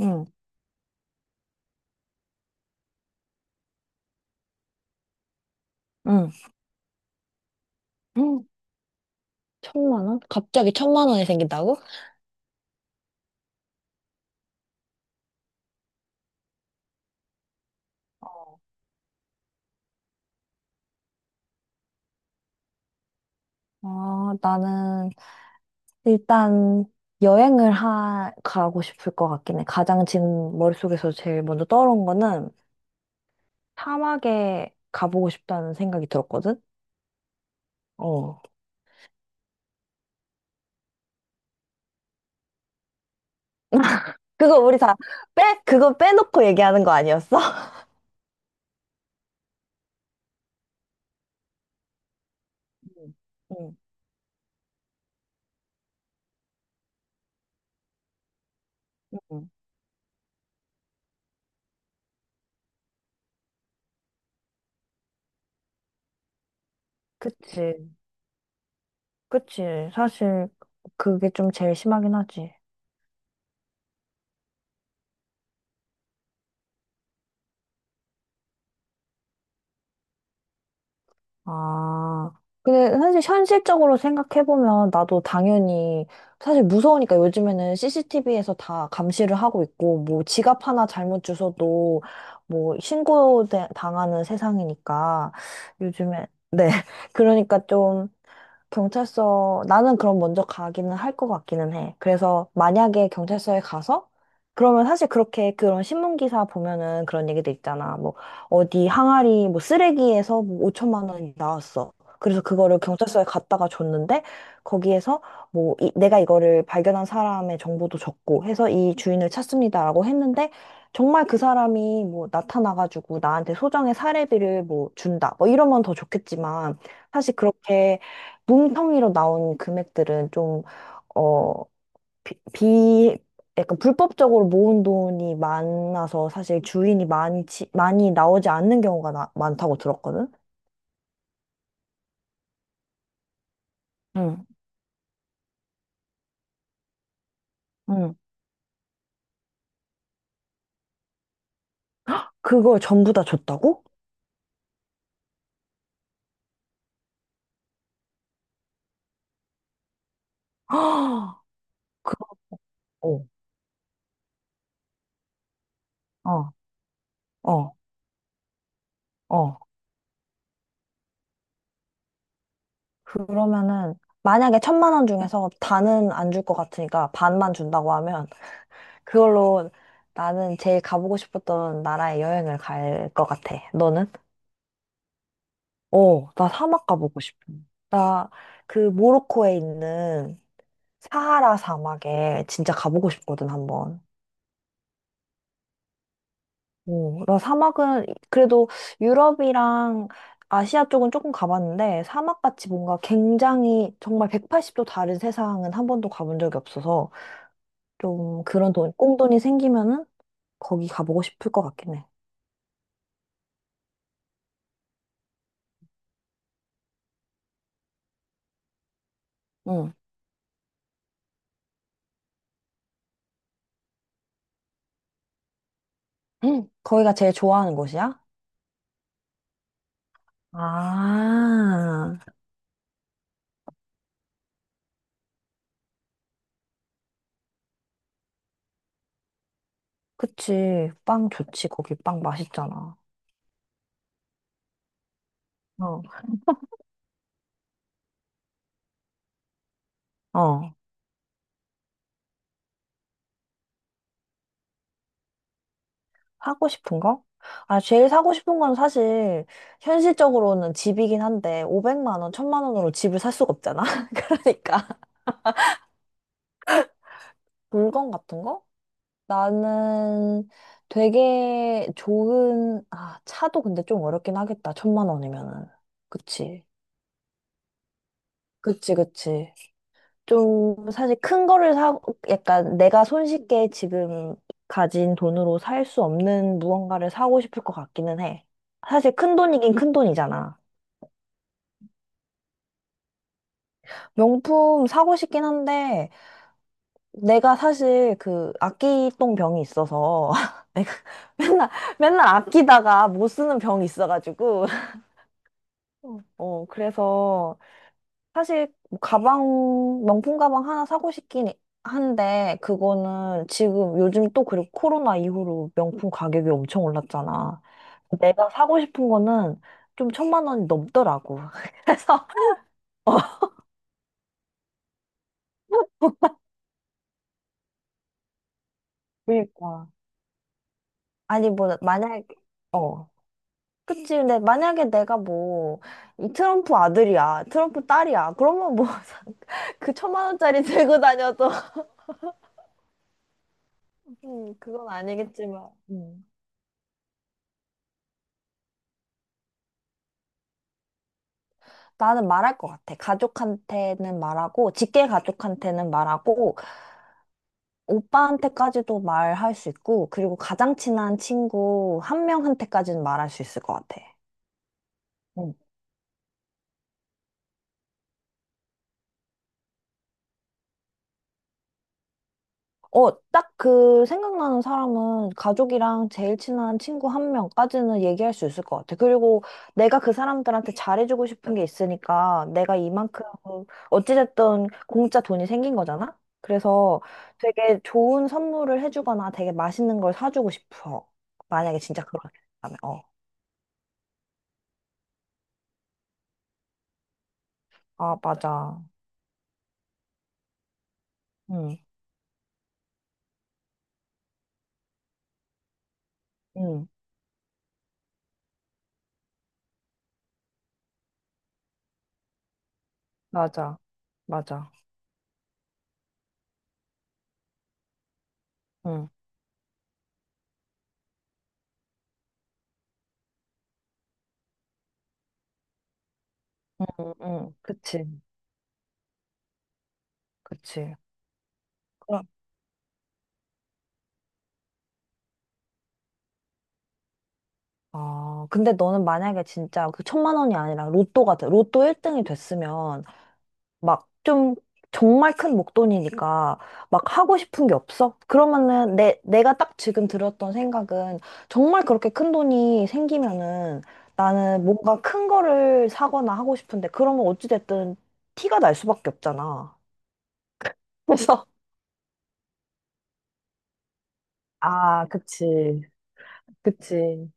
응, 응. 음, 천만 원? 갑자기 천만 원이 생긴다고? 어. 아, 나는 일단 여행을 가고 싶을 것 같긴 해. 가장 지금 머릿속에서 제일 먼저 떠오른 거는 사막에 가보고 싶다는 생각이 들었거든? 어. 그거 우리 다 그거 빼놓고 얘기하는 거 아니었어? 응 응 응 그치, 그치. 사실 그게 좀 제일 심하긴 하지. 아, 근데 사실 현실적으로 생각해보면 나도 당연히 사실 무서우니까 요즘에는 CCTV에서 다 감시를 하고 있고 뭐 지갑 하나 잘못 주워도 뭐 신고 당하는 세상이니까 요즘에 네 그러니까 경찰서, 나는 그럼 먼저 가기는 할 것 같기는 해. 그래서 만약에 경찰서에 가서, 그러면 사실 그렇게 그런 신문기사 보면은 그런 얘기도 있잖아. 뭐, 어디 항아리, 뭐, 쓰레기에서 뭐 5천만 원이 나왔어. 그래서 그거를 경찰서에 갔다가 줬는데, 거기에서 뭐, 내가 이거를 발견한 사람의 정보도 적고 해서 이 주인을 찾습니다라고 했는데, 정말 그 사람이 뭐 나타나가지고 나한테 소정의 사례비를 뭐 준다. 뭐 이러면 더 좋겠지만, 사실 그렇게 뭉텅이로 나온 금액들은 좀, 어, 비, 비- 약간 불법적으로 모은 돈이 많아서 사실 주인이 많이, 많이 나오지 않는 경우가 많다고 들었거든? 응, 응. 그걸 전부 다 줬다고? 아, 그, 어, 어, 어, 어. 그러면은, 만약에 천만 원 중에서 다는 안 줄 것 같으니까 반만 준다고 하면, 그걸로 나는 제일 가보고 싶었던 나라에 여행을 갈 것 같아. 너는? 어, 나 사막 가보고 싶어. 나 그 모로코에 있는 사하라 사막에 진짜 가보고 싶거든, 한번. 어, 나 사막은 그래도 유럽이랑 아시아 쪽은 조금 가봤는데 사막같이 뭔가 굉장히 정말 180도 다른 세상은 한 번도 가본 적이 없어서 좀 그런 돈, 꽁돈이 생기면은 거기 가보고 싶을 것 같긴 해. 응. 응. 거기가 제일 좋아하는 곳이야? 아. 그치. 빵 좋지. 거기 빵 맛있잖아. 어, 어. 사고 싶은 거? 아, 제일 사고 싶은 건 사실, 현실적으로는 집이긴 한데, 500만 원, 1000만 원으로 집을 살 수가 없잖아. 그러니까. 물건 같은 거? 나는 되게 좋은, 아, 차도 근데 좀 어렵긴 하겠다. 1000만 원이면은. 그치. 그치, 그치. 좀 사실 큰 거를 사고 약간 내가 손쉽게 지금 가진 돈으로 살 수 없는 무언가를 사고 싶을 것 같기는 해. 사실 큰 돈이긴 큰 돈이잖아. 명품 사고 싶긴 한데 내가 사실 그 아끼똥 병이 있어서 내가 맨날 맨날 아끼다가 못 쓰는 병이 있어가지고 어 그래서 사실 뭐 가방 명품 가방 하나 사고 싶긴 한데 그거는 지금 요즘 또 그리고 코로나 이후로 명품 가격이 엄청 올랐잖아. 내가 사고 싶은 거는 좀 천만 원이 넘더라고. 그래서 어, 그러니까. 아니 뭐 만약에 어 그치 근데 만약에 내가 뭐 이 트럼프 아들이야 트럼프 딸이야 그러면 뭐 그 천만 원짜리 들고 다녀도 그건 아니겠지만 나는 말할 것 같아. 가족한테는 말하고, 직계 가족한테는 말하고, 오빠한테까지도 말할 수 있고, 그리고 가장 친한 친구 한 명한테까지는 말할 수 있을 것 같아. 어, 딱 그 생각나는 사람은 가족이랑 제일 친한 친구 한 명까지는 얘기할 수 있을 것 같아. 그리고 내가 그 사람들한테 잘해주고 싶은 게 있으니까 내가 이만큼 어찌됐든 공짜 돈이 생긴 거잖아? 그래서 되게 좋은 선물을 해주거나 되게 맛있는 걸 사주고 싶어. 만약에 진짜 그렇게 된다면. 어. 아, 맞아. 응, 응, 맞아. 맞아. 응, 응, 응. 그치, 그치. 아, 근데 너는 만약에 진짜 그 천만 원이 아니라 로또 같아. 로또 1등이 됐으면 막 좀 정말 큰 목돈이니까 막 하고 싶은 게 없어? 그러면은 내가 딱 지금 들었던 생각은 정말 그렇게 큰 돈이 생기면은 나는 뭔가 큰 거를 사거나 하고 싶은데 그러면 어찌됐든 티가 날 수밖에 없잖아. 그래서 아, 그치. 그치.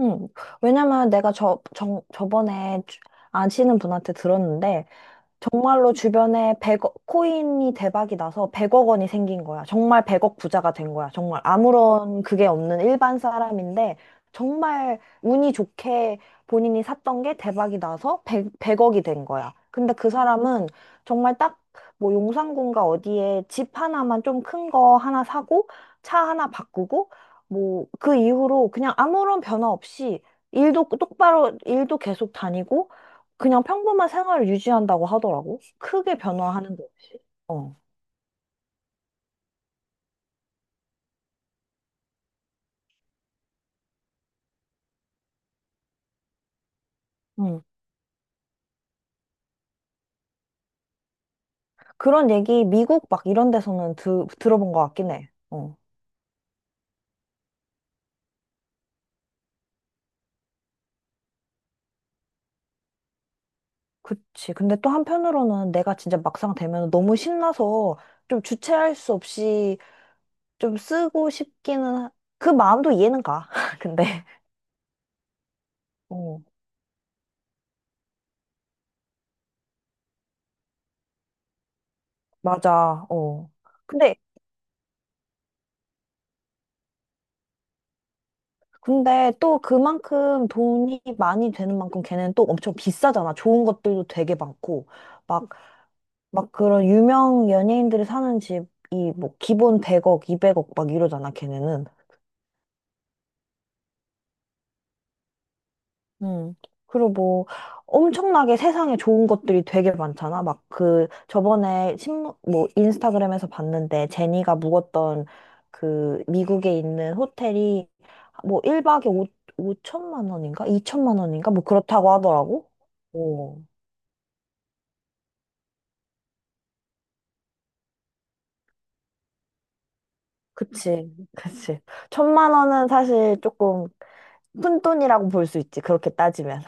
음, 왜냐면 내가 저번에 아시는 분한테 들었는데, 정말로 주변에 100억, 코인이 대박이 나서 100억 원이 생긴 거야. 정말 100억 부자가 된 거야. 정말 아무런 그게 없는 일반 사람인데, 정말 운이 좋게 본인이 샀던 게 대박이 나서 100, 억이 된 거야. 근데 그 사람은 정말 딱 뭐 용산군가 어디에 집 하나만 좀 큰 거 하나 사고, 차 하나 바꾸고, 뭐 그 이후로 그냥 아무런 변화 없이 일도 똑바로, 일도 계속 다니고, 그냥 평범한 생활을 유지한다고 하더라고. 크게 변화하는 게 없이. 어. 응. 그런 얘기 미국 막 이런 데서는 들어본 것 같긴 해. 어. 그치. 근데 또 한편으로는 내가 진짜 막상 되면 너무 신나서 좀 주체할 수 없이 좀 쓰고 싶기는 그 마음도 이해는 가. 근데 어. 맞아. 어. 근데 근데 또 그만큼 돈이 많이 되는 만큼 걔는 또 엄청 비싸잖아. 좋은 것들도 되게 많고. 막 막 그런 유명 연예인들이 사는 집이 뭐 기본 100억, 200억 막 이러잖아, 걔네는. 음. 그리고 뭐 엄청나게 세상에 좋은 것들이 되게 많잖아. 막 그 저번에 신문 뭐 인스타그램에서 봤는데 제니가 묵었던 그 미국에 있는 호텔이 뭐 1박에 5천만 원인가? 2천만 원인가? 뭐 그렇다고 하더라고. 오, 그치, 그치. 천만 원은 사실 조금 푼돈이라고 볼 수 있지. 그렇게 따지면.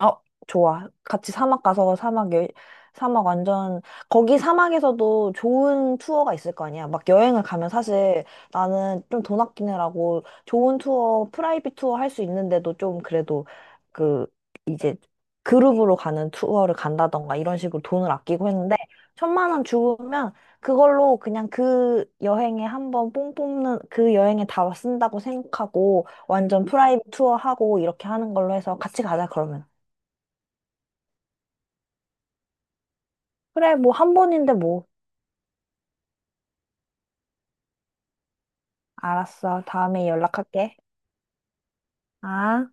어, 좋아. 같이 사막 가서 사막, 사막 완전, 거기 사막에서도 좋은 투어가 있을 거 아니야. 막 여행을 가면 사실 나는 좀 돈 아끼느라고 좋은 투어, 프라이빗 투어 할 수 있는데도 좀 그래도 그, 이제 그룹으로 가는 투어를 간다던가 이런 식으로 돈을 아끼고 했는데, 천만 원 주면 그걸로 그냥 그 여행에 한번 뽕 뽑는, 그 여행에 다 쓴다고 생각하고 완전 프라이빗 투어 하고 이렇게 하는 걸로 해서 같이 가자, 그러면. 그래, 뭐 한 번인데 뭐. 알았어. 다음에 연락할게. 아.